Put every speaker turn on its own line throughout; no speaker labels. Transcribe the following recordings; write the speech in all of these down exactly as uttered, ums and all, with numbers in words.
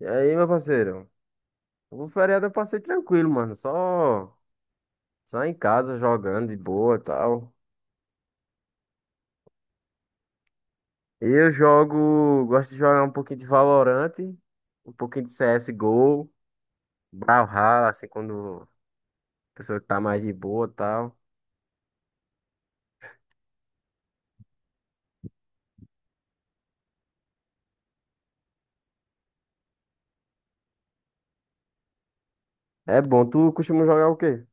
E aí, meu parceiro? O feriado eu passei tranquilo, mano. Só, só em casa jogando de boa e tal. Eu jogo, gosto de jogar um pouquinho de Valorant, um pouquinho de C S G O, Brawlhalla, assim, quando a pessoa tá mais de boa e tal. É bom. Tu costuma jogar o quê?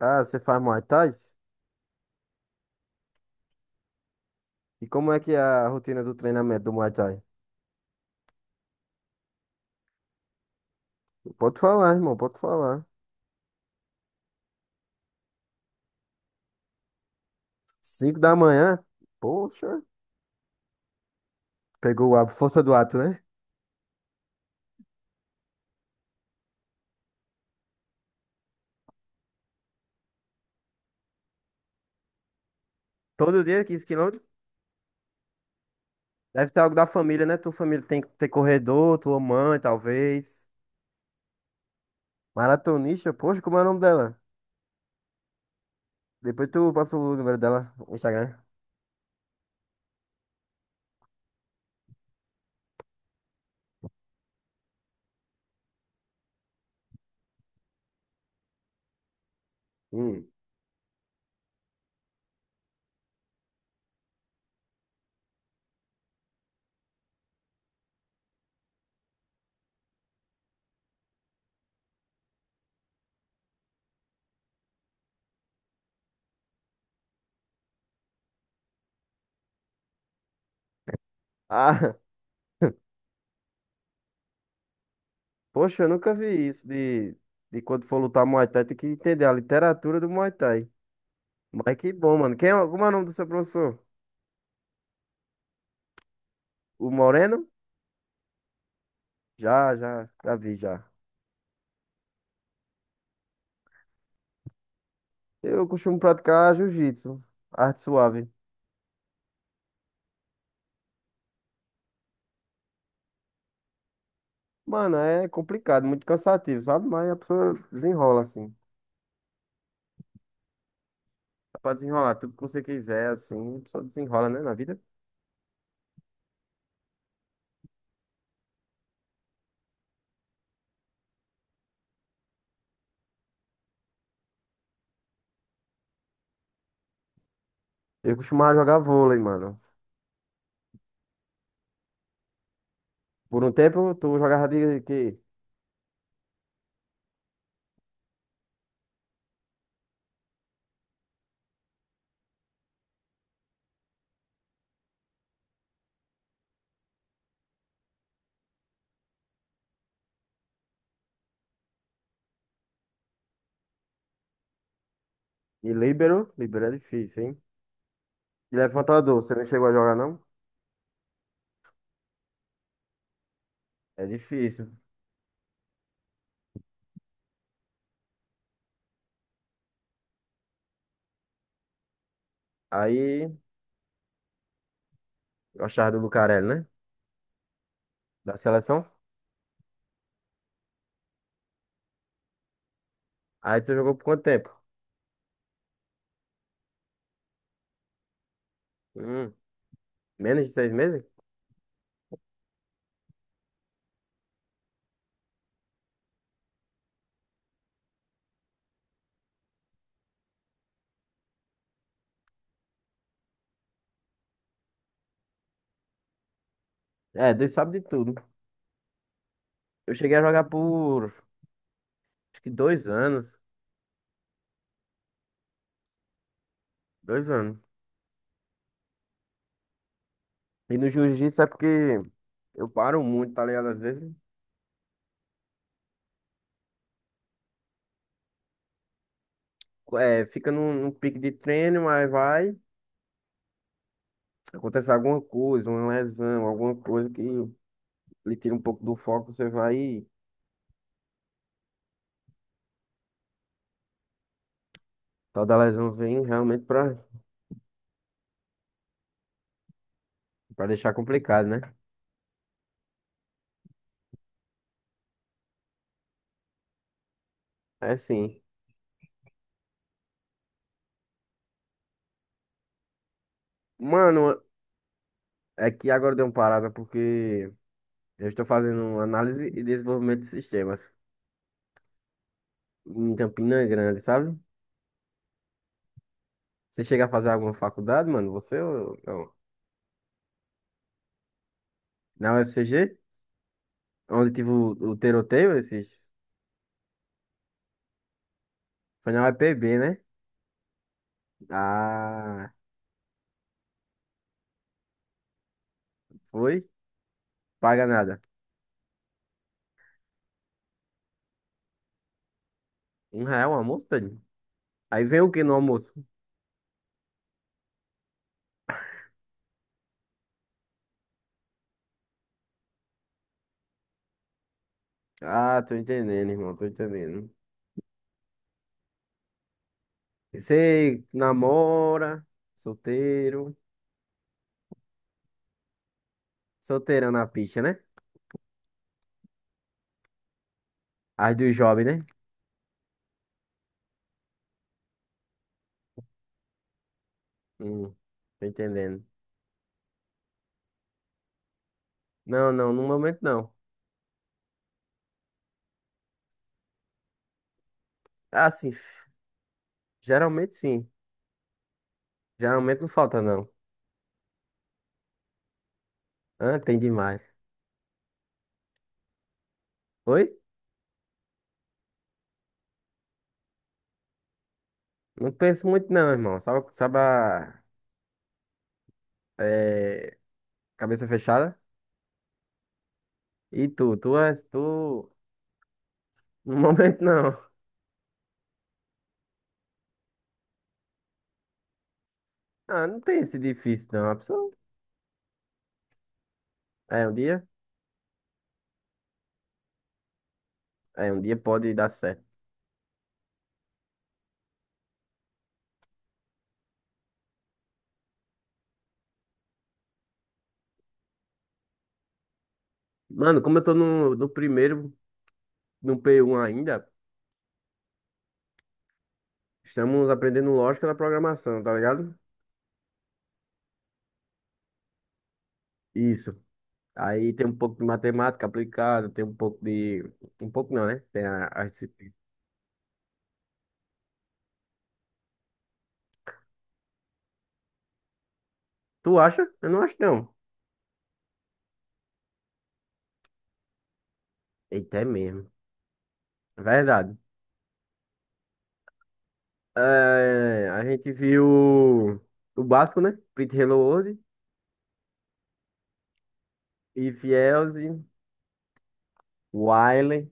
Ah, você faz Muay Thai? E como é que é a rotina do treinamento do Muay Thai? Pode falar, irmão, pode falar. Cinco da manhã? Poxa, pegou a força do ato, né? Todo dia, quinze quilômetros? Deve ser algo da família, né? Tua família tem que ter corredor, tua mãe, talvez. Maratonista, poxa, como é o nome dela? Depois tu passa o número dela, o Instagram. Hum. Ah, poxa, eu nunca vi isso de, de quando for lutar Muay Thai, tem que entender a literatura do Muay Thai. Mas que bom, mano. Quem é, como é o nome do seu professor? O Moreno? Já, já, já vi, já. Eu costumo praticar jiu-jitsu, arte suave. Mano, é complicado, muito cansativo, sabe? Mas a pessoa desenrola assim. Pode desenrolar tudo que você quiser, assim, só desenrola, né, na vida. Eu costumava jogar vôlei, mano. Por um tempo, tu jogava de quê? E líbero? Líbero é difícil, hein? E levantador, você não chegou a jogar, não? É difícil. Aí, gostava do Lucarelli, né? Da seleção. Aí tu jogou por quanto tempo? Hum, menos de seis meses? É, Deus sabe de tudo. Eu cheguei a jogar por acho que dois anos. Dois anos. E no jiu-jitsu é porque eu paro muito, tá ligado? Às vezes é, fica num, num pique de treino, mas vai, acontece alguma coisa, uma lesão, alguma coisa que lhe tira um pouco do foco, você vai e tal da lesão vem realmente pra, pra deixar complicado, né? É sim. Mano, é que agora deu uma parada porque eu estou fazendo análise e desenvolvimento de sistemas em Campina Grande, sabe? Você chega a fazer alguma faculdade, mano? Você ou não? Na U F C G? Onde tive o, o tiroteio esses? Foi na U E P B, né? Ah, foi? Paga nada. Um real o almoço, tadinho? Aí vem o que no almoço? Ah, tô entendendo, irmão, tô entendendo. E você namora, solteiro, solteirão na picha, né? As dos jovens, né? Hum, tô entendendo. Não, não, no momento não. Ah, sim. Geralmente sim. Geralmente não falta, não. Ah, tem demais. Oi? Não penso muito, não, irmão. Sabe, sabe a é, cabeça fechada? E tu? Tu é. Tu. No momento, não. Ah, não tem esse difícil, não. A pessoa. É, um dia. É, um dia pode dar certo. Mano, como eu tô no, no primeiro, no pê um ainda, estamos aprendendo lógica da programação, tá ligado? Isso. Aí tem um pouco de matemática aplicada, tem um pouco de. Um pouco não, né? Tem a, a disciplina. Tu acha? Eu não acho, não. Eita, é mesmo. É verdade. É, a gente viu o básico, né? Pretty Hello World, Fielze, Wiley, deixa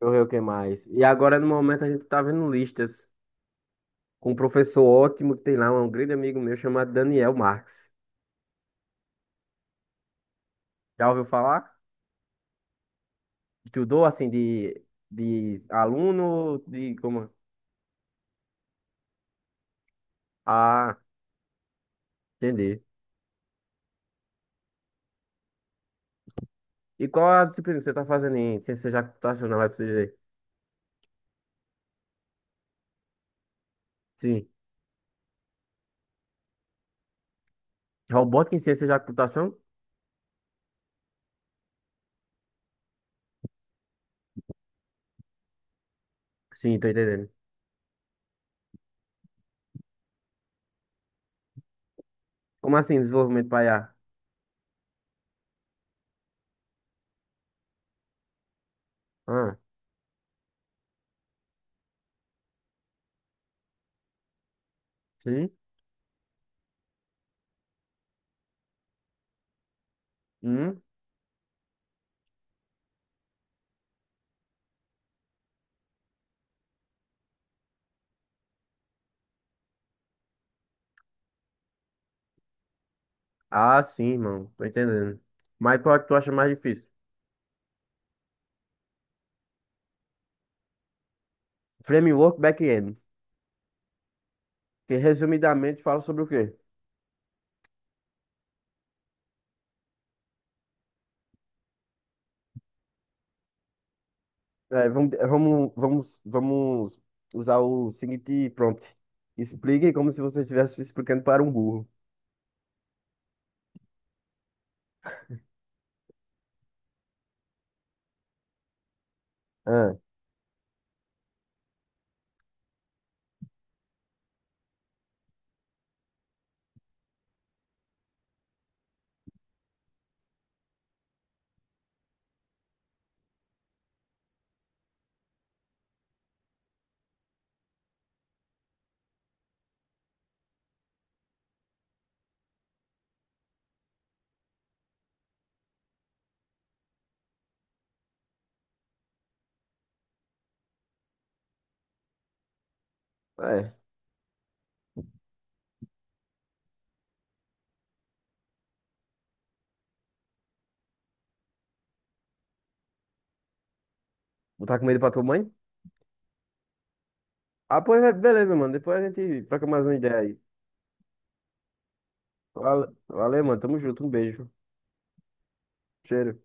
eu ver o que mais. E agora, no momento, a gente tá vendo listas com um professor ótimo que tem lá, um grande amigo meu chamado Daniel Marx. Já ouviu falar? Estudou, assim, de, de aluno, de como... Ah, entendi. E qual a disciplina que você tá fazendo em ciência computacional, F C G? Sim. Robótica em ciência da computação? Sim, tô entendendo. Como assim, desenvolvimento para I A? Ah, sim? Hum? Ah, sim, mano. Tô entendendo. Mas qual é que tu acha mais difícil? Framework back-end. Que resumidamente fala sobre o quê? É, vamos, vamos, vamos, vamos usar o seguinte prompt. Explique como se você estivesse explicando para um burro. Ah, é. Botar comida pra tua mãe? Ah, pois é, beleza, mano. Depois a gente troca mais uma ideia aí. Vale- Valeu, mano. Tamo junto. Um beijo. Cheiro.